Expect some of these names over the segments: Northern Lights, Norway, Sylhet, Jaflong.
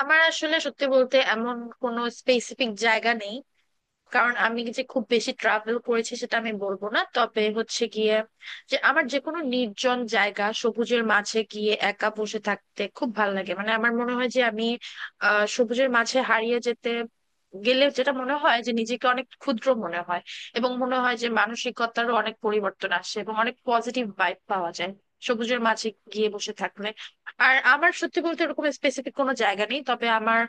আমার আসলে সত্যি বলতে এমন কোনো স্পেসিফিক জায়গা নেই। কারণ আমি যে খুব বেশি ট্রাভেল করেছি সেটা আমি বলবো না, তবে হচ্ছে গিয়ে যে আমার যে কোনো নির্জন জায়গা সবুজের মাঝে গিয়ে একা বসে থাকতে খুব ভালো লাগে। মানে আমার মনে হয় যে আমি সবুজের মাঝে হারিয়ে যেতে গেলে যেটা মনে হয় যে নিজেকে অনেক ক্ষুদ্র মনে হয়, এবং মনে হয় যে মানসিকতারও অনেক পরিবর্তন আসে এবং অনেক পজিটিভ ভাইব পাওয়া যায় সবুজের মাঝে গিয়ে বসে থাকলে। আর আমার সত্যি বলতে এরকম স্পেসিফিক কোনো জায়গা নেই, তবে আমার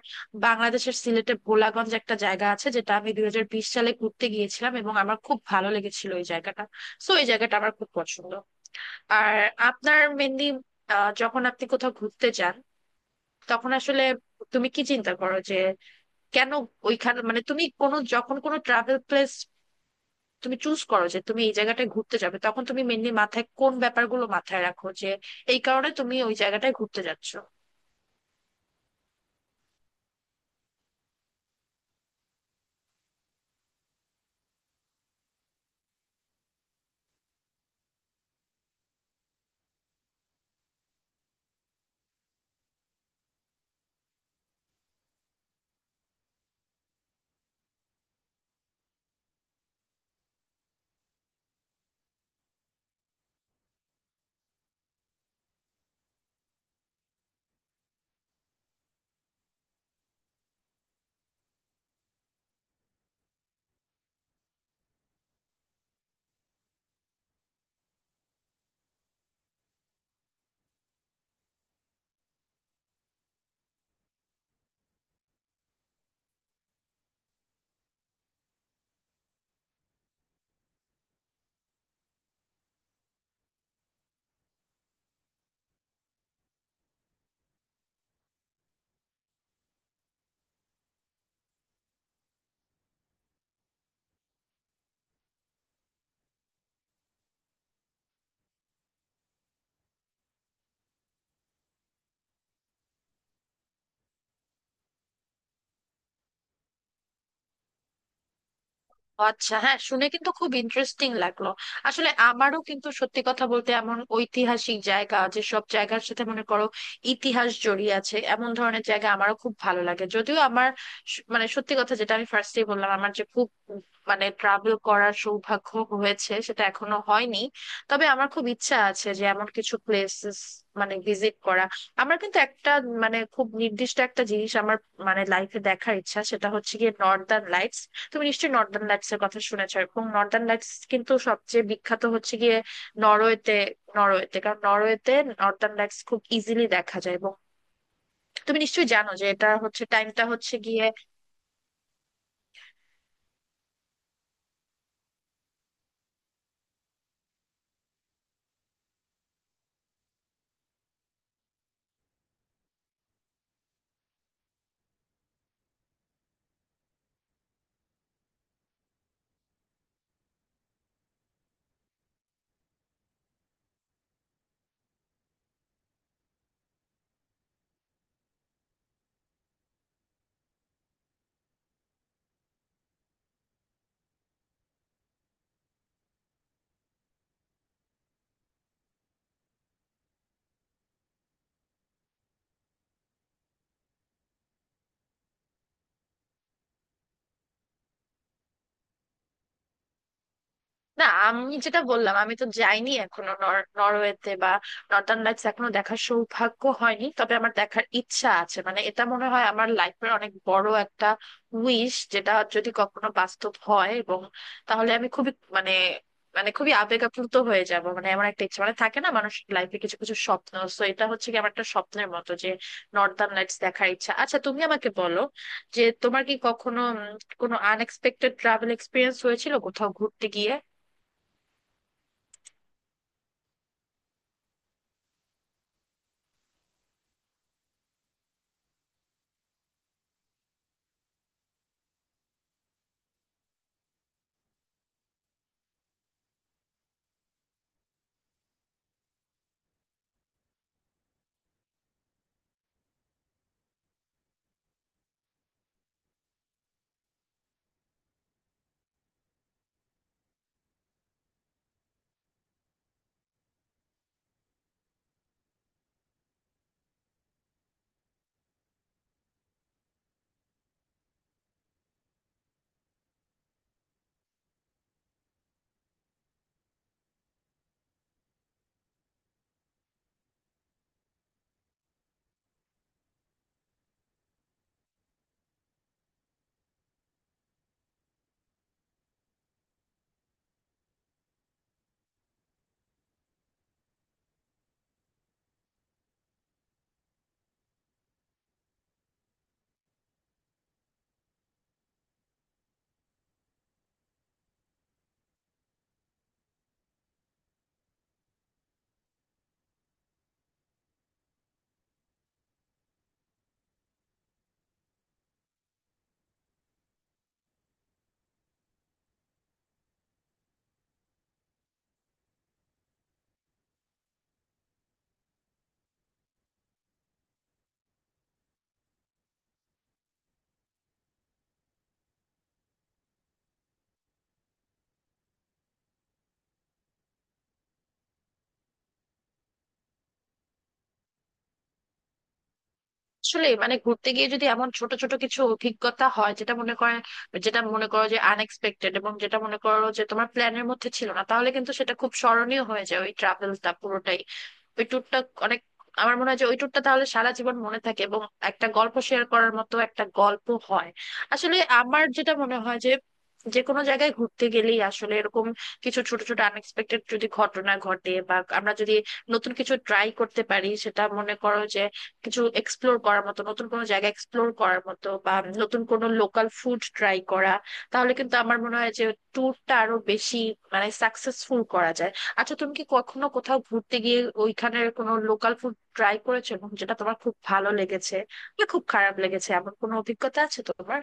বাংলাদেশের সিলেটে ভোলাগঞ্জ একটা জায়গা আছে, যেটা আমি 2020 সালে ঘুরতে গিয়েছিলাম এবং আমার খুব ভালো লেগেছিল এই জায়গাটা। সো এই জায়গাটা আমার খুব পছন্দ। আর আপনার মেনলি যখন আপনি কোথাও ঘুরতে যান তখন আসলে তুমি কি চিন্তা করো যে কেন ওইখানে, মানে তুমি কোনো যখন কোনো ট্রাভেল প্লেস তুমি চুজ করো যে তুমি এই জায়গাটায় ঘুরতে যাবে, তখন তুমি মেনলি মাথায় কোন ব্যাপারগুলো মাথায় রাখো যে এই কারণে তুমি ওই জায়গাটায় ঘুরতে যাচ্ছ? আচ্ছা, হ্যাঁ, শুনে কিন্তু খুব ইন্টারেস্টিং লাগলো। আসলে আমারও কিন্তু সত্যি কথা বলতে এমন ঐতিহাসিক জায়গা, যেসব জায়গার সাথে মনে করো ইতিহাস জড়িয়ে আছে, এমন ধরনের জায়গা আমারও খুব ভালো লাগে। যদিও আমার মানে সত্যি কথা যেটা আমি ফার্স্টেই বললাম, আমার যে খুব মানে ট্রাভেল করার সৌভাগ্য হয়েছে সেটা এখনো হয়নি। তবে আমার খুব ইচ্ছা আছে যে এমন কিছু প্লেসেস মানে ভিজিট করা। আমার কিন্তু একটা মানে খুব নির্দিষ্ট একটা জিনিস আমার মানে লাইফে দেখার ইচ্ছা, সেটা হচ্ছে গিয়ে নর্দার্ন লাইটস। তুমি নিশ্চয়ই নর্দার্ন লাইটস এর কথা শুনেছো, এবং নর্দার্ন লাইটস কিন্তু সবচেয়ে বিখ্যাত হচ্ছে গিয়ে নরওয়েতে। কারণ নরওয়েতে নর্দার্ন লাইটস খুব ইজিলি দেখা যায়। এবং তুমি নিশ্চয়ই জানো যে এটা হচ্ছে টাইমটা হচ্ছে গিয়ে, না আমি যেটা বললাম আমি তো যাইনি এখনো নরওয়েতে বা নর্দার্ন লাইটস এখনো দেখার সৌভাগ্য হয়নি। তবে আমার দেখার ইচ্ছা আছে, মানে এটা মনে হয় আমার লাইফের অনেক বড় একটা উইশ, যেটা যদি কখনো বাস্তব হয়, এবং তাহলে আমি খুবই মানে মানে খুবই আবেগ আপ্লুত হয়ে যাব। মানে আমার একটা ইচ্ছা, মানে থাকে না মানুষ লাইফে কিছু কিছু স্বপ্ন, তো এটা হচ্ছে কি আমার একটা স্বপ্নের মতো যে নর্দার্ন লাইটস দেখার ইচ্ছা। আচ্ছা, তুমি আমাকে বলো যে তোমার কি কখনো কোনো আনএক্সপেক্টেড ট্রাভেল এক্সপিরিয়েন্স হয়েছিল কোথাও ঘুরতে গিয়ে? আসলে মানে ঘুরতে গিয়ে যদি এমন ছোট ছোট কিছু অভিজ্ঞতা হয়, যেটা মনে করো যে আনএক্সপেক্টেড এবং যেটা মনে করো যে তোমার প্ল্যানের মধ্যে ছিল না, তাহলে কিন্তু সেটা খুব স্মরণীয় হয়ে যায় ওই ট্রাভেলটা পুরোটাই, ওই ট্যুরটা। অনেক আমার মনে হয় যে ওই ট্যুরটা তাহলে সারা জীবন মনে থাকে এবং একটা গল্প শেয়ার করার মতো একটা গল্প হয়। আসলে আমার যেটা মনে হয় যে যে কোনো জায়গায় ঘুরতে গেলেই আসলে এরকম কিছু ছোট ছোট আনএক্সপেক্টেড যদি ঘটনা ঘটে, বা আমরা যদি নতুন কিছু ট্রাই করতে পারি, সেটা মনে করো যে কিছু এক্সপ্লোর করার মতো, নতুন কোনো জায়গা এক্সপ্লোর করার মতো, বা নতুন কোনো লোকাল ফুড ট্রাই করা, তাহলে কিন্তু আমার মনে হয় যে ট্যুরটা আরো বেশি মানে সাকসেসফুল করা যায়। আচ্ছা, তুমি কি কখনো কোথাও ঘুরতে গিয়ে ওইখানের কোনো লোকাল ফুড ট্রাই করেছো, এবং যেটা তোমার খুব ভালো লেগেছে বা খুব খারাপ লেগেছে, এমন কোনো অভিজ্ঞতা আছে তোমার?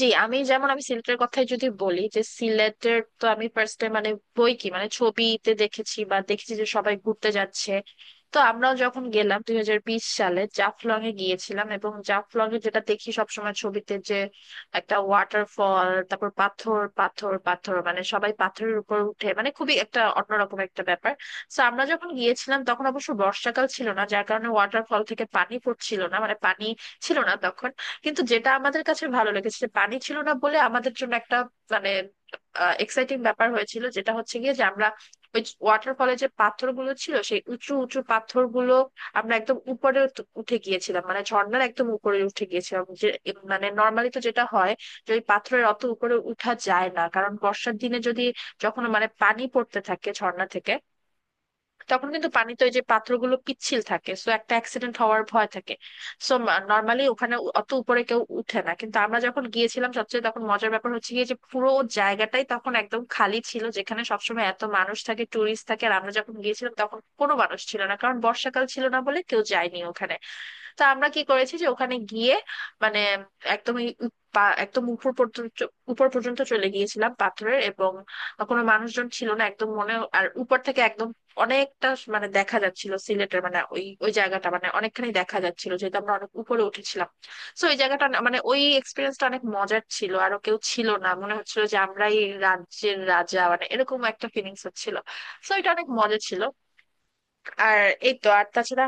জি, আমি যেমন আমি সিলেটের কথাই যদি বলি, যে সিলেটের তো আমি ফার্স্ট টাইম মানে বই কি মানে ছবিতে দেখেছি বা দেখেছি যে সবাই ঘুরতে যাচ্ছে। তো আমরাও যখন গেলাম 2020 সালে জাফলং এ গিয়েছিলাম, এবং জাফলং এ যেটা দেখি সবসময় ছবিতে, যে একটা ওয়াটারফল তারপর পাথর পাথর পাথর, মানে সবাই পাথরের উপর উঠে, মানে খুবই একটা অন্যরকম একটা ব্যাপার। তো আমরা যখন গিয়েছিলাম তখন অবশ্য বর্ষাকাল ছিল না, যার কারণে ওয়াটারফল থেকে পানি পড়ছিল না, মানে পানি ছিল না তখন। কিন্তু যেটা আমাদের কাছে ভালো লেগেছে, যে পানি ছিল না বলে আমাদের জন্য একটা মানে এক্সাইটিং ব্যাপার হয়েছিল, যেটা হচ্ছে গিয়ে যে আমরা ওই ওয়াটারফলে যে পাথরগুলো ছিল সেই উঁচু উঁচু পাথরগুলো আমরা একদম উপরে উঠে গিয়েছিলাম, মানে ঝর্ণার একদম উপরে উঠে গিয়েছিলাম। যে মানে নর্মালি তো যেটা হয় যে ওই পাথরের অত উপরে উঠা যায় না, কারণ বর্ষার দিনে যদি যখন মানে পানি পড়তে থাকে ঝর্ণা থেকে, তখন কিন্তু পানিতে ওই যে পাত্রগুলো পিচ্ছিল থাকে, সো একটা অ্যাক্সিডেন্ট হওয়ার ভয় থাকে। সো নর্মালি ওখানে অত উপরে কেউ উঠে না, কিন্তু আমরা যখন গিয়েছিলাম সবচেয়ে তখন মজার ব্যাপার হচ্ছে গিয়ে যে পুরো জায়গাটাই তখন একদম খালি ছিল, যেখানে সবসময় এত মানুষ থাকে টুরিস্ট থাকে, আর আমরা যখন গিয়েছিলাম তখন কোনো মানুষ ছিল না, কারণ বর্ষাকাল ছিল না বলে কেউ যায়নি ওখানে। তা আমরা কি করেছি যে ওখানে গিয়ে মানে একদমই একদম উপর পর্যন্ত, চলে গিয়েছিলাম পাথরের, এবং কোনো মানুষজন ছিল না একদম মনে, আর উপর থেকে একদম অনেকটা মানে দেখা যাচ্ছিল সিলেটের, মানে ওই ওই জায়গাটা মানে অনেকখানি দেখা যাচ্ছিল, যেহেতু আমরা অনেক উপরে উঠেছিলাম। তো ওই জায়গাটা মানে ওই এক্সপিরিয়েন্সটা অনেক মজার ছিল, আর কেউ ছিল না, মনে হচ্ছিল যে আমরাই রাজ্যের রাজা, মানে এরকম একটা ফিলিংস হচ্ছিল। তো এটা অনেক মজা ছিল। আর এই তো আর তাছাড়া